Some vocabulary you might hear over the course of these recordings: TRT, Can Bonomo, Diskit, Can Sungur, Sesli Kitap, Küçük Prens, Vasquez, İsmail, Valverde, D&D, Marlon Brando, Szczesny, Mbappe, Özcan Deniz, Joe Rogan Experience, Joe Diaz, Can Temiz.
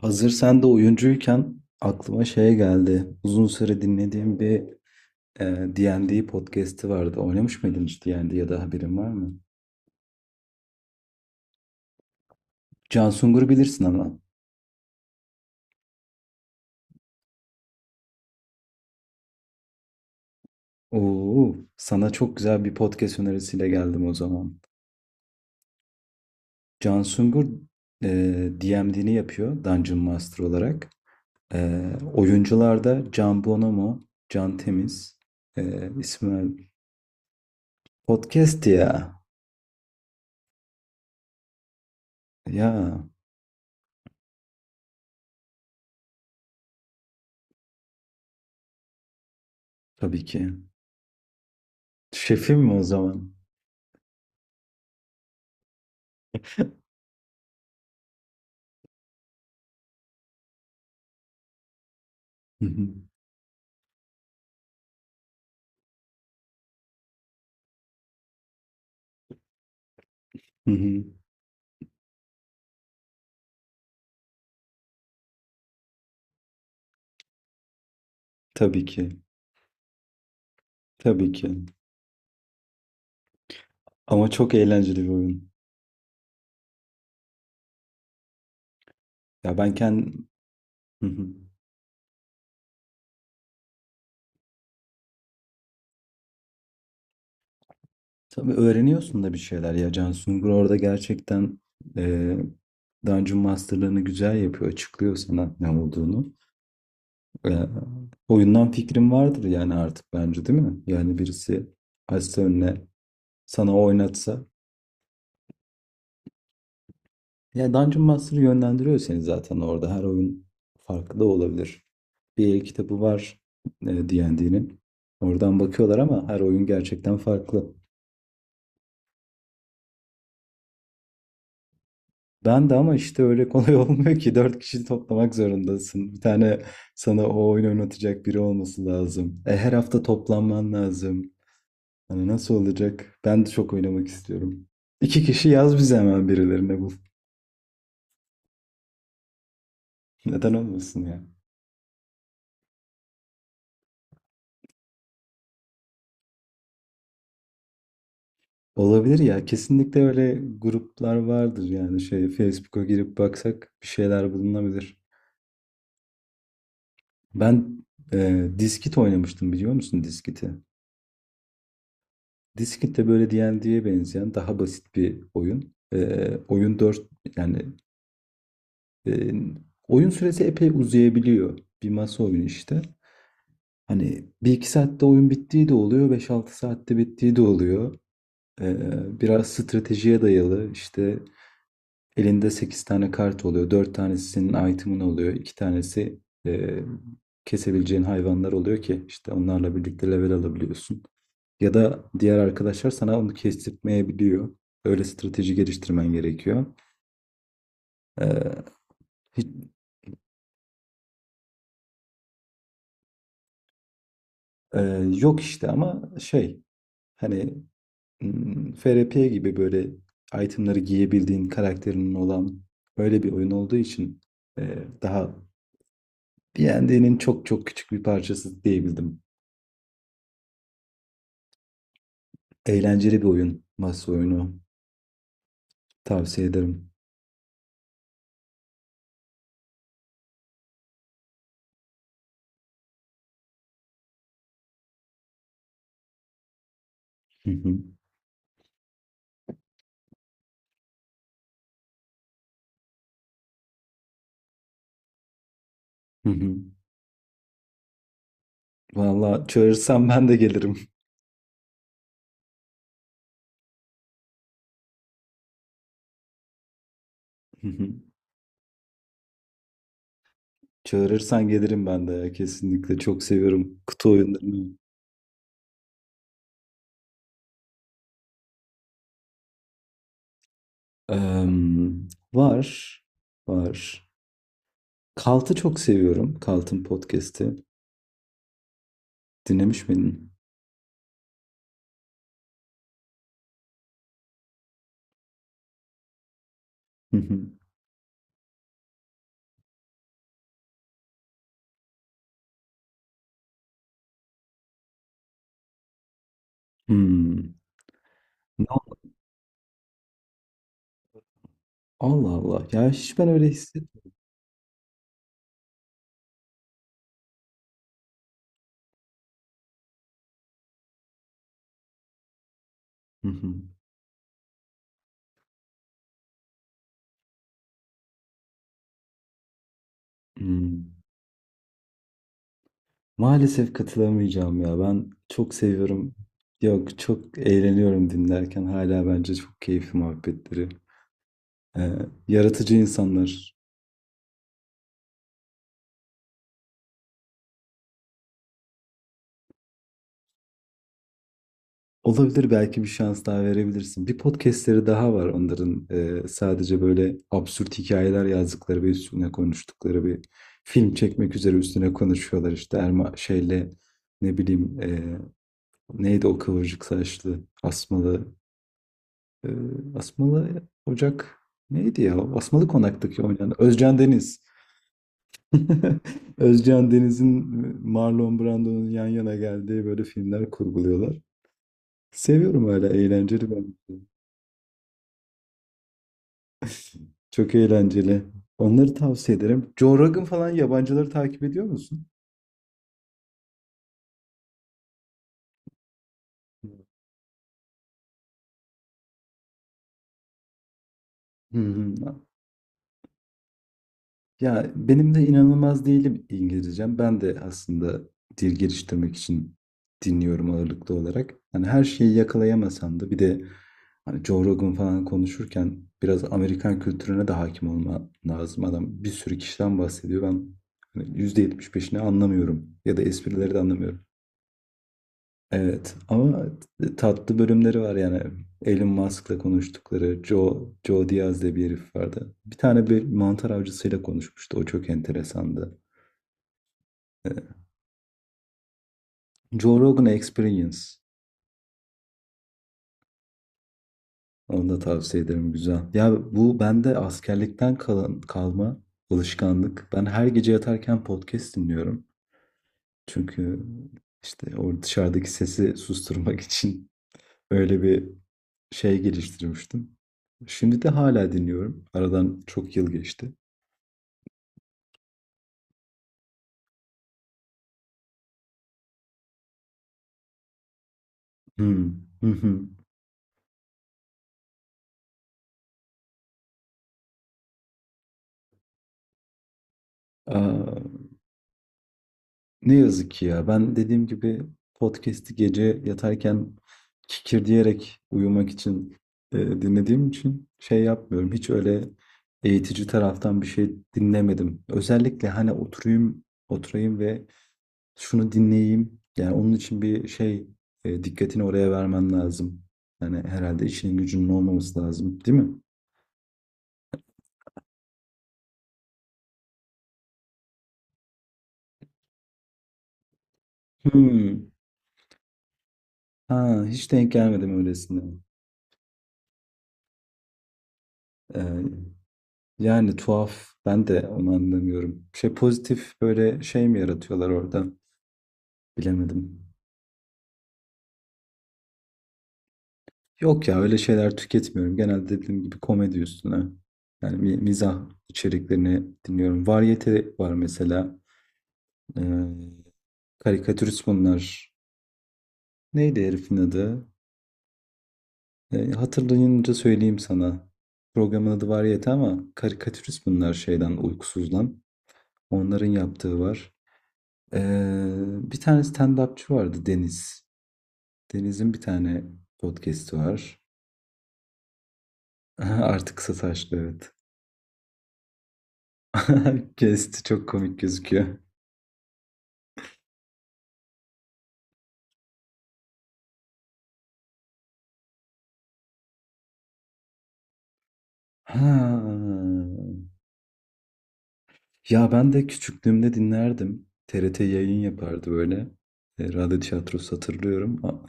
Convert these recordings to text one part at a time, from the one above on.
Hazır sen de oyuncuyken aklıma şey geldi. Uzun süre dinlediğim bir D&D podcast'i vardı. Oynamış mıydın hiç D&D ya da haberin var mı? Can Sungur'u bilirsin ama. Oo, sana çok güzel bir podcast önerisiyle geldim o zaman. Can Sungur e, DMD'ni yapıyor Dungeon Master olarak. Oyuncularda Can Bonomo, Can Temiz, İsmail. Podcast ya. Ya tabii ki. Şefim mi o zaman? Hı hı. Tabii ki. Tabii ki. Ama çok eğlenceli bir oyun. Ya ben kendim... Hı hı. Tabii öğreniyorsun da bir şeyler ya. Can Sungur orada gerçekten eee Dungeon Master'larını güzel yapıyor. Açıklıyor sana ne olduğunu. Eee, Oyundan fikrim vardır yani artık bence, değil mi? Yani birisi açsa önüne, sana oynatsa. Ya, Dungeon Master'ı yönlendiriyor seni zaten orada. Her oyun farklı da olabilir. Bir el kitabı var D&D'nin. Oradan bakıyorlar ama her oyun gerçekten farklı. Ben de ama işte öyle kolay olmuyor ki. Dört kişi toplamak zorundasın. Bir tane sana o oyunu oynatacak biri olması lazım. E, her hafta toplanman lazım. Hani nasıl olacak? Ben de çok oynamak istiyorum. İki kişi yaz bize, hemen birilerine bul. Neden olmasın ya? Olabilir ya. Kesinlikle öyle gruplar vardır, yani şey, Facebook'a girip baksak bir şeyler bulunabilir. Ben Diskit oynamıştım, biliyor musun Diskit'i? Diskit de böyle D&D'ye benzeyen daha basit bir oyun. E, oyun 4 Yani e, oyun süresi epey uzayabiliyor. Bir masa oyunu işte. Hani bir iki saatte oyun bittiği de oluyor, beş altı saatte bittiği de oluyor. E, biraz stratejiye dayalı işte. Elinde 8 tane kart oluyor. Dört tanesi senin item'ın oluyor. İki tanesi e, kesebileceğin hayvanlar oluyor ki işte onlarla birlikte level alabiliyorsun. Ya da diğer arkadaşlar sana onu kestirtmeyebiliyor. Öyle strateji geliştirmen gerekiyor. E, hiç- e, Yok işte, ama şey, hani FRP gibi, böyle itemları giyebildiğin karakterinin olan böyle bir oyun olduğu için daha D&D'nin çok çok küçük bir parçası diyebildim. Eğlenceli bir oyun. Masa oyunu. Tavsiye ederim. Hı hı. Hı hı. Valla çağırırsan ben de gelirim. Hı hı. Çağırırsan gelirim ben de ya. Kesinlikle çok seviyorum kutu oyunlarını. Em, Var. Var. Kalt'ı çok seviyorum. Kalt'ın podcast'i. Dinlemiş miydin? Hı hı. Hmm. Ne- Allah Allah. Ya hiç ben öyle hissetmiyorum. Hı hı. Hmm. Maalesef katılamayacağım ya. Ben çok seviyorum. Yok, çok eğleniyorum dinlerken. Hala bence çok keyifli muhabbetleri. Ee, Yaratıcı insanlar. Olabilir, belki bir şans daha verebilirsin. Bir podcastleri daha var onların. Sadece böyle absürt hikayeler yazdıkları ve üstüne konuştukları bir film çekmek üzere üstüne konuşuyorlar işte. Erma şeyle, ne bileyim, neydi o kıvırcık saçlı asmalı... Ee, Asmalı Ocak, neydi ya? Asmalı Konak'taki oynayan Özcan Deniz. Özcan Deniz'in Marlon Brando'nun yan yana geldiği böyle filmler kurguluyorlar. Seviyorum, öyle eğlenceli bence. Çok eğlenceli. Onları tavsiye ederim. Joe Rogan falan, yabancıları takip ediyor musun? Hı hı. Ya benim de inanılmaz değilim İngilizcem. Ben de aslında dil geliştirmek için dinliyorum ağırlıklı olarak. Hani her şeyi yakalayamasam da, bir de hani Joe Rogan falan konuşurken biraz Amerikan kültürüne de hakim olma lazım. Adam bir sürü kişiden bahsediyor. Ben hani %75'ini anlamıyorum ya da esprileri de anlamıyorum. Evet ama tatlı bölümleri var yani. Elon Musk'la konuştukları, Joe Diaz diye bir herif vardı. Bir tane bir mantar avcısıyla konuşmuştu. O çok enteresandı. Joe Rogan Experience. Onu da tavsiye ederim. Güzel. Ya bu bende askerlikten kalma alışkanlık. Ben her gece yatarken podcast dinliyorum. Çünkü işte o dışarıdaki sesi susturmak için öyle bir şey geliştirmiştim. Şimdi de hala dinliyorum. Aradan çok yıl geçti. Hmm. Hı hı. Aa, Ne yazık ki ya. Ben dediğim gibi podcast'i gece yatarken kikir diyerek uyumak için dinlediğim için şey yapmıyorum. Hiç öyle eğitici taraftan bir şey dinlemedim. Özellikle hani, oturayım, oturayım ve şunu dinleyeyim. Yani onun için bir şey, dikkatini oraya vermen lazım. Yani herhalde işinin gücünün olmaması lazım, değil mi? Hmm. Ha, hiç denk gelmedim öylesine. Ee, Yani tuhaf. Ben de onu anlamıyorum. Şey, pozitif böyle şey mi yaratıyorlar orada? Bilemedim. Yok ya, öyle şeyler tüketmiyorum. Genelde dediğim gibi komedi üstüne. Yani mizah içeriklerini dinliyorum. Varyete var mesela. Ee, Karikatürist bunlar. Neydi herifin adı? E, hatırlayınca söyleyeyim sana. Programın adı Variyete, ama karikatürist bunlar şeyden, uykusuzdan. Onların yaptığı var. E, bir tane stand-upçı vardı, Deniz. Deniz'in bir tane podcast'i var. Artık kısa saçlı, evet. Kesti, çok komik gözüküyor. Ha. Ya ben de küçüklüğümde dinlerdim. TRT yayın yapardı böyle. Radyo tiyatrosu hatırlıyorum.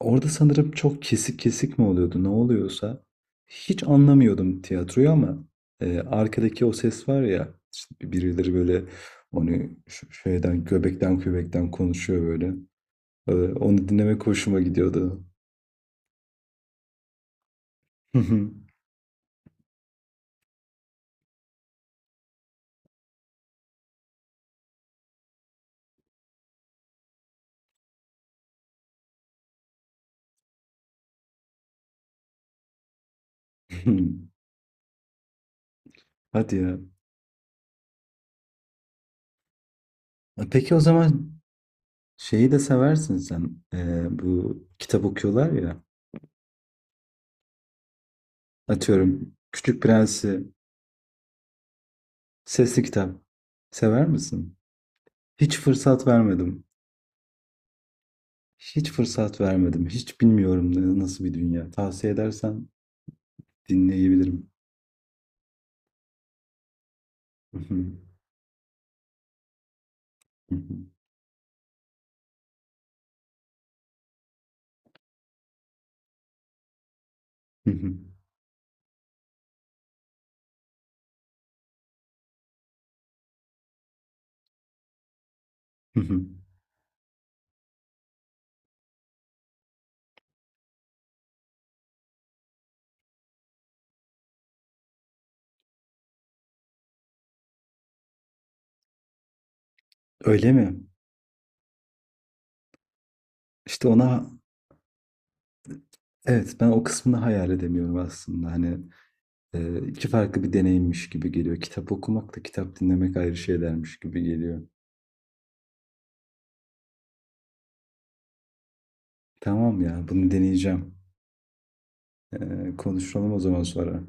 Orada sanırım çok kesik kesik mi oluyordu, ne oluyorsa. Hiç anlamıyordum tiyatroyu ama arkadaki o ses var ya, işte birileri böyle onu şeyden, göbekten göbekten konuşuyor böyle. E, onu dinlemek hoşuma gidiyordu. Hadi ya. Peki o zaman, şeyi de seversin sen. Bu kitap okuyorlar ya. Atıyorum Küçük Prens'i, sesli kitap sever misin? Hiç fırsat vermedim. Hiç fırsat vermedim. Hiç bilmiyorum nasıl bir dünya. Tavsiye edersen dinleyebilirim. Öyle mi? İşte ona evet, ben o kısmını hayal edemiyorum aslında. Hani iki farklı bir deneyimmiş gibi geliyor. Kitap okumak da kitap dinlemek ayrı şeylermiş gibi geliyor. Tamam ya, bunu deneyeceğim. E, konuşalım o zaman sonra.